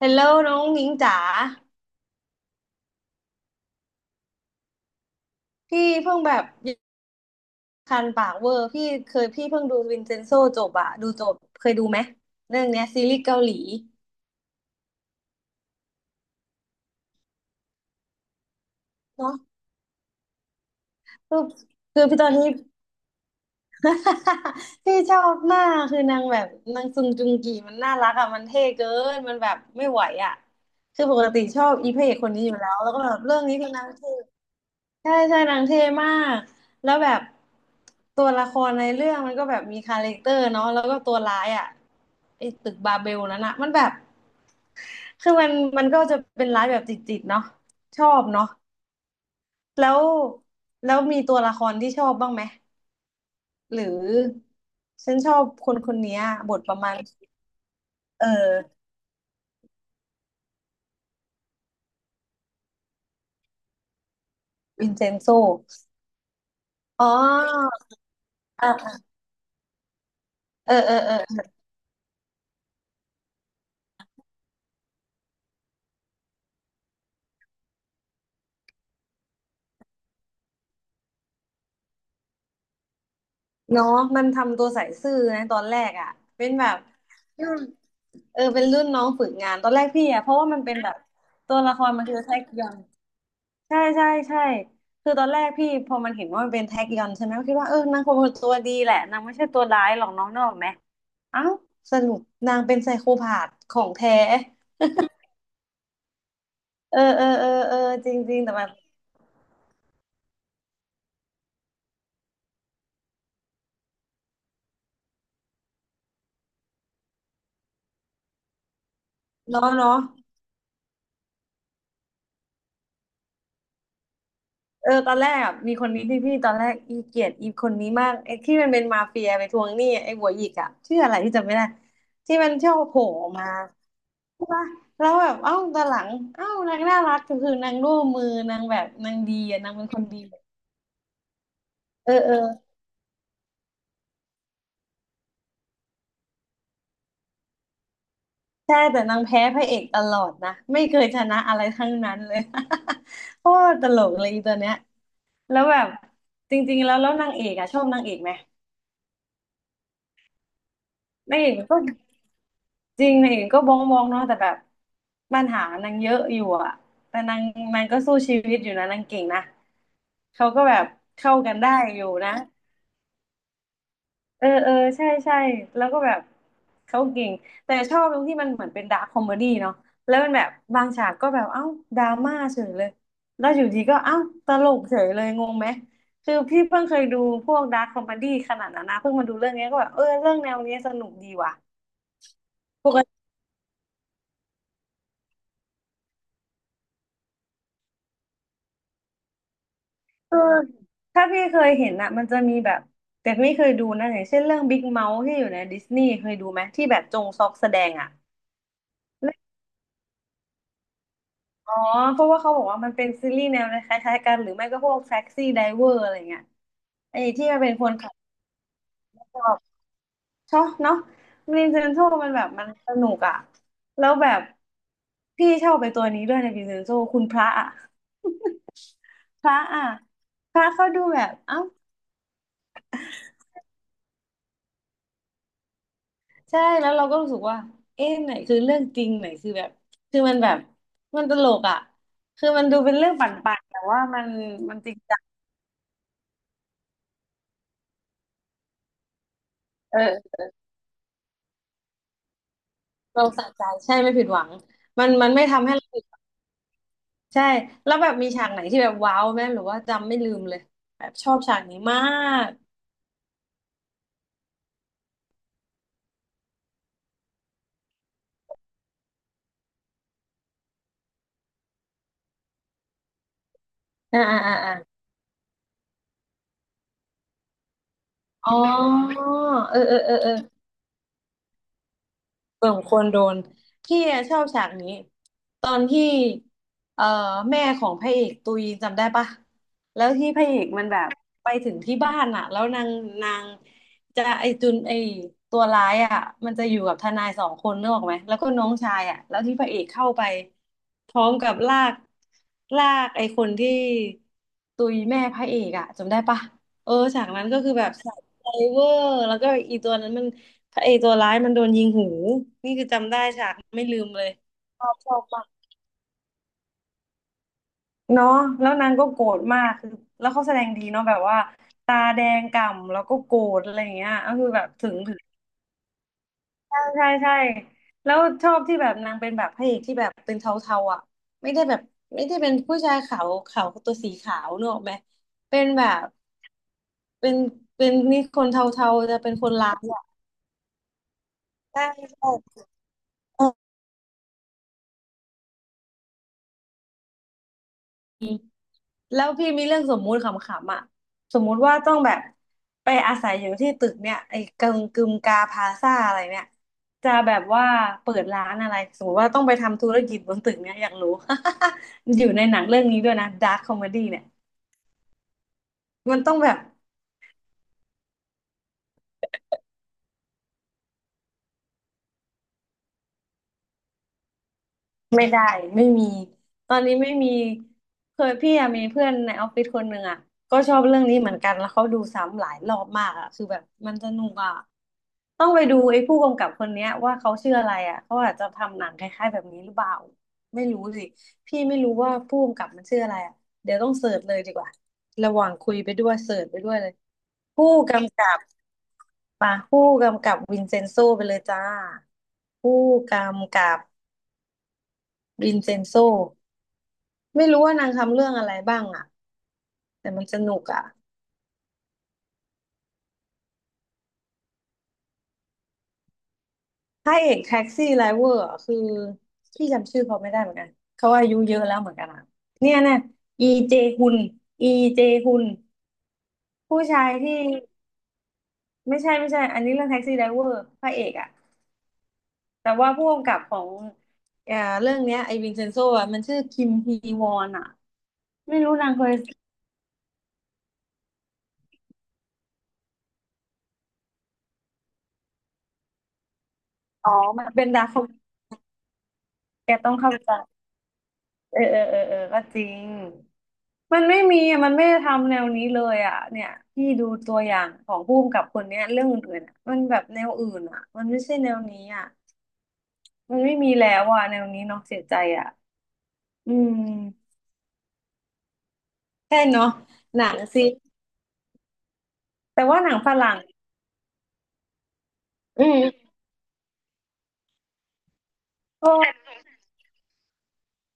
ฮลโหลน้องหญิงจ๋าพี่เพิ่งแบบคันปากเวอร์พี่เพิ่งดูวินเซนโซจบอะดูจบเคยดูไหมเรื่องเนี้ยซีรีส์เกาหลีเนาะคือคือพี่ตอนนี้ พี่ชอบมากคือนางแบบนางซุงจุงกีมันน่ารักอะมันเท่เกินมันแบบไม่ไหวอะคือปกติชอบอีพระเอกคนนี้อยู่แล้วแล้วก็แบบเรื่องนี้คือนางเท่ ใช่ใช่นางเท่มากแล้วแบบตัวละครในเรื่องมันก็แบบมีคาแรคเตอร์เนาะแล้วก็ตัวร้ายอ่ะไอ้ตึกบาเบลนั้นอ่ะมันแบบคือมันก็จะเป็นร้ายแบบจิตๆเนาะชอบเนาะแล้วแล้วมีตัวละครที่ชอบบ้างไหมหรือฉันชอบคนคนเนี้ยบทประมาณเออวินเซนโซอ๋ออ่ะเออเออเออเนาะมันทำตัวใส่ซื่อนะตอนแรกอ่ะเป็นแบบ เออเป็นรุ่นน้องฝึกงานตอนแรกพี่อ่ะเพราะว่ามันเป็นแบบตัวละครมันคือแท็กยอนใช่ใช่ใช่คือตอนแรกพี่พอมันเห็นว่ามันเป็นแท็กยอนใช่ไหมก็คิดว่าเออนางคงเป็นตัวดีแหละนางไม่ใช่ตัวร้ายหรอกน้องนึกออกไหมเอ้าสรุปนางเป็นไซโคพาธของแท้เออเออเออเออจริงจริงแต่แบบเนาะเนาะเออตอนแรกอะมีคนนี้ที่พี่ตอนแรกอีเกลียดอีคนนี้มากไอ้ที่มันเป็นมาเฟียไปทวงหนี้ไอ้หัวหยิกอ่ะชื่ออะไรที่จำไม่ได้ที่มันชอบโผล่ออกมา ว่าแล้วแบบเอ้าตอนหลังเอ้านางน่ารักก็คือนางร่วมมือนางแบบนางดีอ่ะนางเป็นคนดีเออเออใช่แต่นางแพ้พระเอกตลอดนะไม่เคยชนะอะไรทั้งนั้นเลย โคตรตลกเลยอีตัวเนี้ยแล้วแบบจริงๆแล้วนางเอกอะชอบนางเอกไหมนางเอกมันก็จริงนางเอกก็บ้องบ้องเนาะแต่แบบปัญหานางเยอะอยู่อะแต่นางก็สู้ชีวิตอยู่นะนางเก่งนะเขาก็แบบเข้ากันได้อยู่นะ เออเออใช่ใช่แล้วก็แบบเขาเก่งแต่ชอบตรงที่มันเหมือนเป็นดาร์คคอมเมดี้เนาะแล้วมันแบบบางฉากก็แบบเอ้าดราม่าเฉยเลยแล้วอยู่ดีก็เอ้าตลกเฉยเลยงงไหมคือพี่เพิ่งเคยดูพวกดาร์คคอมเมดี้ขนาดนั้นนะเพิ่งมาดูเรื่องเนี้ยก็แบบเออเรื่องแนวเนี้ยสนุกดีว่ะปกติเออถ้าพี่เคยเห็นอะมันจะมีแบบแต่ไม่เคยดูนะอย่างเช่นเรื่องบิ๊กเมาที่อยู่ในดิสนีย์เคยดูไหมที่แบบจงซอกแสดงอะ อ๋อเพราะว่าเขาบอกว่ามันเป็นซีรีส์แนวคล้ายๆกันหรือไม่ก็พวกแท็กซี่ไดเวอร์อะไรเงี้ยไอ้ที่มันเป็นคนขับชอบชอบเนาะวินเซนโซมันแบบมันสนุกอะแล้วแบบพี่ชอบไปตัวนี้ด้วยในวินเซนโซคุณพระอะพระอะพระเขาดูแบบเอ้าใช่แล้วเราก็รู้สึกว่าเอ๊ะไหนคือเรื่องจริงไหนคือแบบคือมันแบบมันตลกอะคือมันดูเป็นเรื่องปั่นๆแต่ว่ามันมันจริงจังเออเราสะใจใช่ไม่ผิดหวังมันไม่ทำให้เรา ใช่ แล้วแบบมีฉากไหนที่แบบว้าวไหมหรือว่าจำไม่ลืมเลยแบบชอบฉากนี้มากอ่าอ่าอ่าอาอ๋อเออเออเออเออ สมควรโดนพี่อะชอบฉากนี้ตอนที่เอ่อแม่ของพระเอกตุยจำได้ปะแล้วที่พระเอกมันแบบไปถึงที่บ้านอะแล้วนางจะไอจุนไอตัวร้ายอะมันจะอยู่กับทนายสองคนนึกออกไหมแล้วก็น้องชายอะแล้วที่พระเอกเข้าไปพร้อมกับลากไอคนที่ตุยแม่พระเอกอะจำได้ปะเออฉากนั้นก็คือแบบใส่ไซเวอร์แล้วก็อีตัวนั้นมัน พระเอกตัวร้ายมันโดนยิงหูนี่คือจำได้ฉากไม่ลืมเลยชอบมากเนาะแล้วนางก็โกรธมากคือแล้วเขาแสดงดีเนาะแบบว่าตาแดงก่ำแล้วก็โกรธอะไรอย่างเงี้ยก็คือแบบถึงใช่ใช่ใช่แล้วชอบที่แบบนางเป็นแบบพระเอกที่แบบเป็นเทาๆอ่ะไม่ได้แบบไม่ได้เป็นผู้ชายขาวขาวตัวสีขาวเนกอะไหมเป็นแบบเป็นนี่คนเทาๆจะเป็นคนร้ายอ่ะใช่ใช่ แล้วพี่มีเรื่องสมมุติขำๆอ่ะสมมุติว่าต้องแบบไปอาศัยอยู่ที่ตึกเนี่ยไอ้กึมกาพาซ่าอะไรเนี่ยจะแบบว่าเปิดร้านอะไรสมมติว่าต้องไปทำธุรกิจบนตึกเนี่ยอยากรู้ อยู่ในหนังเรื่องนี้ด้วยนะดาร์คคอมเมดี้เนี่ยมันต้องแบบ ไม่ได้ไม่มีตอนนี้ไม่มีเคยพี่อะมีเพื่อนในออฟฟิศคนหนึ่งอะก็ชอบเรื่องนี้เหมือนกันแล้วเขาดูซ้ำหลายรอบมากอะคือแบบมันสนุกอะต้องไปดูไอ้ผู้กำกับคนเนี้ยว่าเขาชื่ออะไรอะเขาอาจจะทำหนังคล้ายๆแบบนี้หรือเปล่าไม่รู้สิพี่ไม่รู้ว่าผู้กำกับมันชื่ออะไรอะเดี๋ยวต้องเสิร์ชเลยดีกว่าระหว่างคุยไปด้วยเสิร์ชไปด้วยเลยผู้กำกับปะผู้กำกับวินเซนโซไปเลยจ้าผู้กำกับวินเซนโซ ไม่รู้ว่านางทำเรื่องอะไรบ้างอ่ะแต่มันสนุกอ่ะพระเอกแท็กซี่ไดรเวอร์อะคือพี่จำชื่อเขาไม่ได้เหมือนกันเขาอายุเยอะแล้วเหมือนกันอะเนี่ยเนี่ยอีเจฮุนอีเจฮุนผู้ชายที่ไม่ใช่ไม่ใช่อันนี้เรื่องแท็กซี่ไดรเวอร์พระเอกอ่ะแต่ว่าผู้กำกับของเอ่อเรื่องเนี้ยไอวินเซนโซอ่ะมันชื่อคิมฮีวอนอ่ะไม่รู้นางเคยอ๋อมันเป็นดาราแกต้องเข้าใจ เออเออเออเออก็จริงมันไม่มีอะมันไม่ได้ทำแนวนี้เลยอ่ะเนี่ยพี่ดูตัวอย่างของผู้กำกับคนเนี้ยเรื่องอื่นๆอะมันแบบแนวอื่นอ่ะมันไม่ใช่แนวนี้อ่ะมันไม่มีแล้วอ่ะแนวนี้เนาะเสียใจอ่ะอืมใช่เนาะหนังสิแต่ว่าหนังฝรั่งอืมโอ้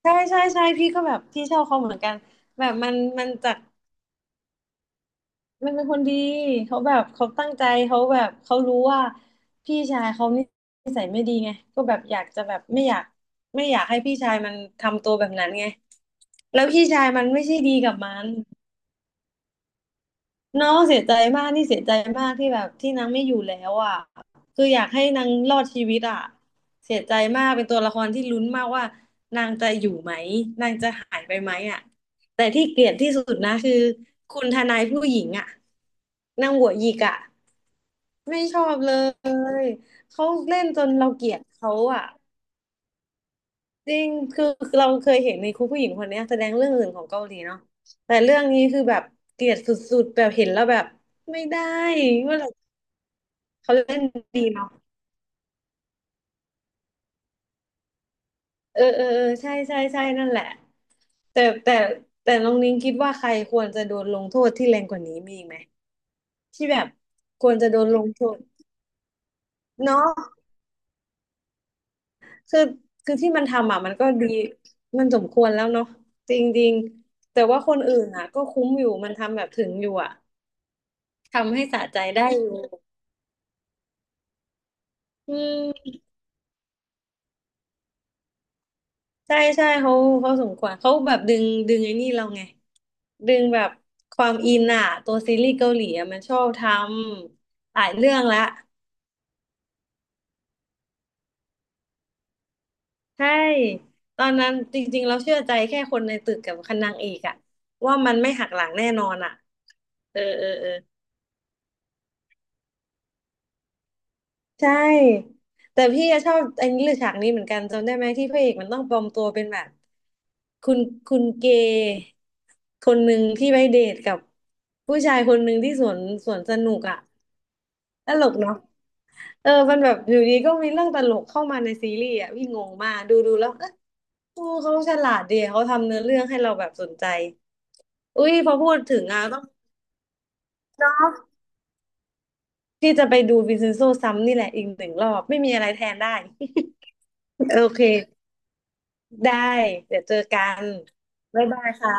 ใช่ใช่ใช่พี่ก็แบบพี่ชอบเขาเหมือนกันแบบมันมันจาก มันเป็นคนดีเขาแบบเขาตั้งใจเขาแบบเขารู้ว่าพี่ชายเขานิสัยไม่ดีไงก็แบบอยากจะแบบไม่อยากให้พี่ชายมันทำตัวแบบนั้นไงแล้วพี่ชายมันไม่ใช่ดีกับมัน เนาะเสียใจมากนี่เสียใจมากที่แบบที่นางไม่อยู่แล้วอ่ะคืออยากให้นางรอดชีวิตอ่ะเสียใจมากเป็นตัวละครที่ลุ้นมากว่านางจะอยู่ไหมนางจะหายไปไหมอ่ะแต่ที่เกลียดที่สุดนะคือคุณทนายผู้หญิงอ่ะนางหัวหยิกอ่ะไม่ชอบเลยเขาเล่นจนเราเกลียดเขาอ่ะ จริงคือเราเคยเห็นในครูผู้หญิงคนเนี้ยแสดงเรื่องอื่นของเกาหลีเนาะแต่เรื่องนี้คือแบบเกลียดสุดๆแบบเห็นแล้วแบบไม่ได้เมื่อไหร่เขาเล่นดีเนาะเออเออเออใช่ใช่ใช่นั่นแหละ แต่แต่แต่น้องนิ้งคิดว่าใครควรจะโดนลงโทษที่แรงกว่านี้มีอีกไหมที่แบบควรจะโดนลงโทษเนาะคือคือที่มันทำอ่ะมันก็ดีมันสมควรแล้วเนาะจริงจริงแต่ว่าคนอื่นอ่ะก็คุ้มอยู่มันทำแบบถึงอยู่อ่ะทำให้สะใจได้อยู่ อืมใช่ใช่เขาเขาสมควรเขาแบบดึงไอ้นี่เราไงดึงแบบความอินอะตัวซีรีส์เกาหลีอะมันชอบทำหลายเรื่องละใช่ตอนนั้นจริงๆเราเชื่อใจแค่คนในตึกกับคันนางเอกอะว่ามันไม่หักหลังแน่นอนอะเออเออเออ ใช่แต่พี่อะชอบไอ้นี้หรือฉากนี้เหมือนกันจำได้ไหมที่พระเอกมันต้องปลอมตัวเป็นแบบคุณคุณเกย์คนหนึ่งที่ไปเดทกับผู้ชายคนหนึ่งที่สวนสวนสนุกอะตลกเนาะเออมันแบบอยู่ดีก็มีเรื่องตลกเข้ามาในซีรีส์อะพี่งงมากดูแล้วเอ๊ะโอ้เขาฉลาดดีเขาทำเนื้อเรื่องให้เราแบบสนใจอุ้ยพอพูดถึงอะต้องเนาะพี่จะไปดูวินเซนโซซ้ำนี่แหละอีกหนึ่งรอบไม่มีอะไรแทนได้ โอเค ได้เดี๋ยวเจอกันบ๊ายบายค่ะ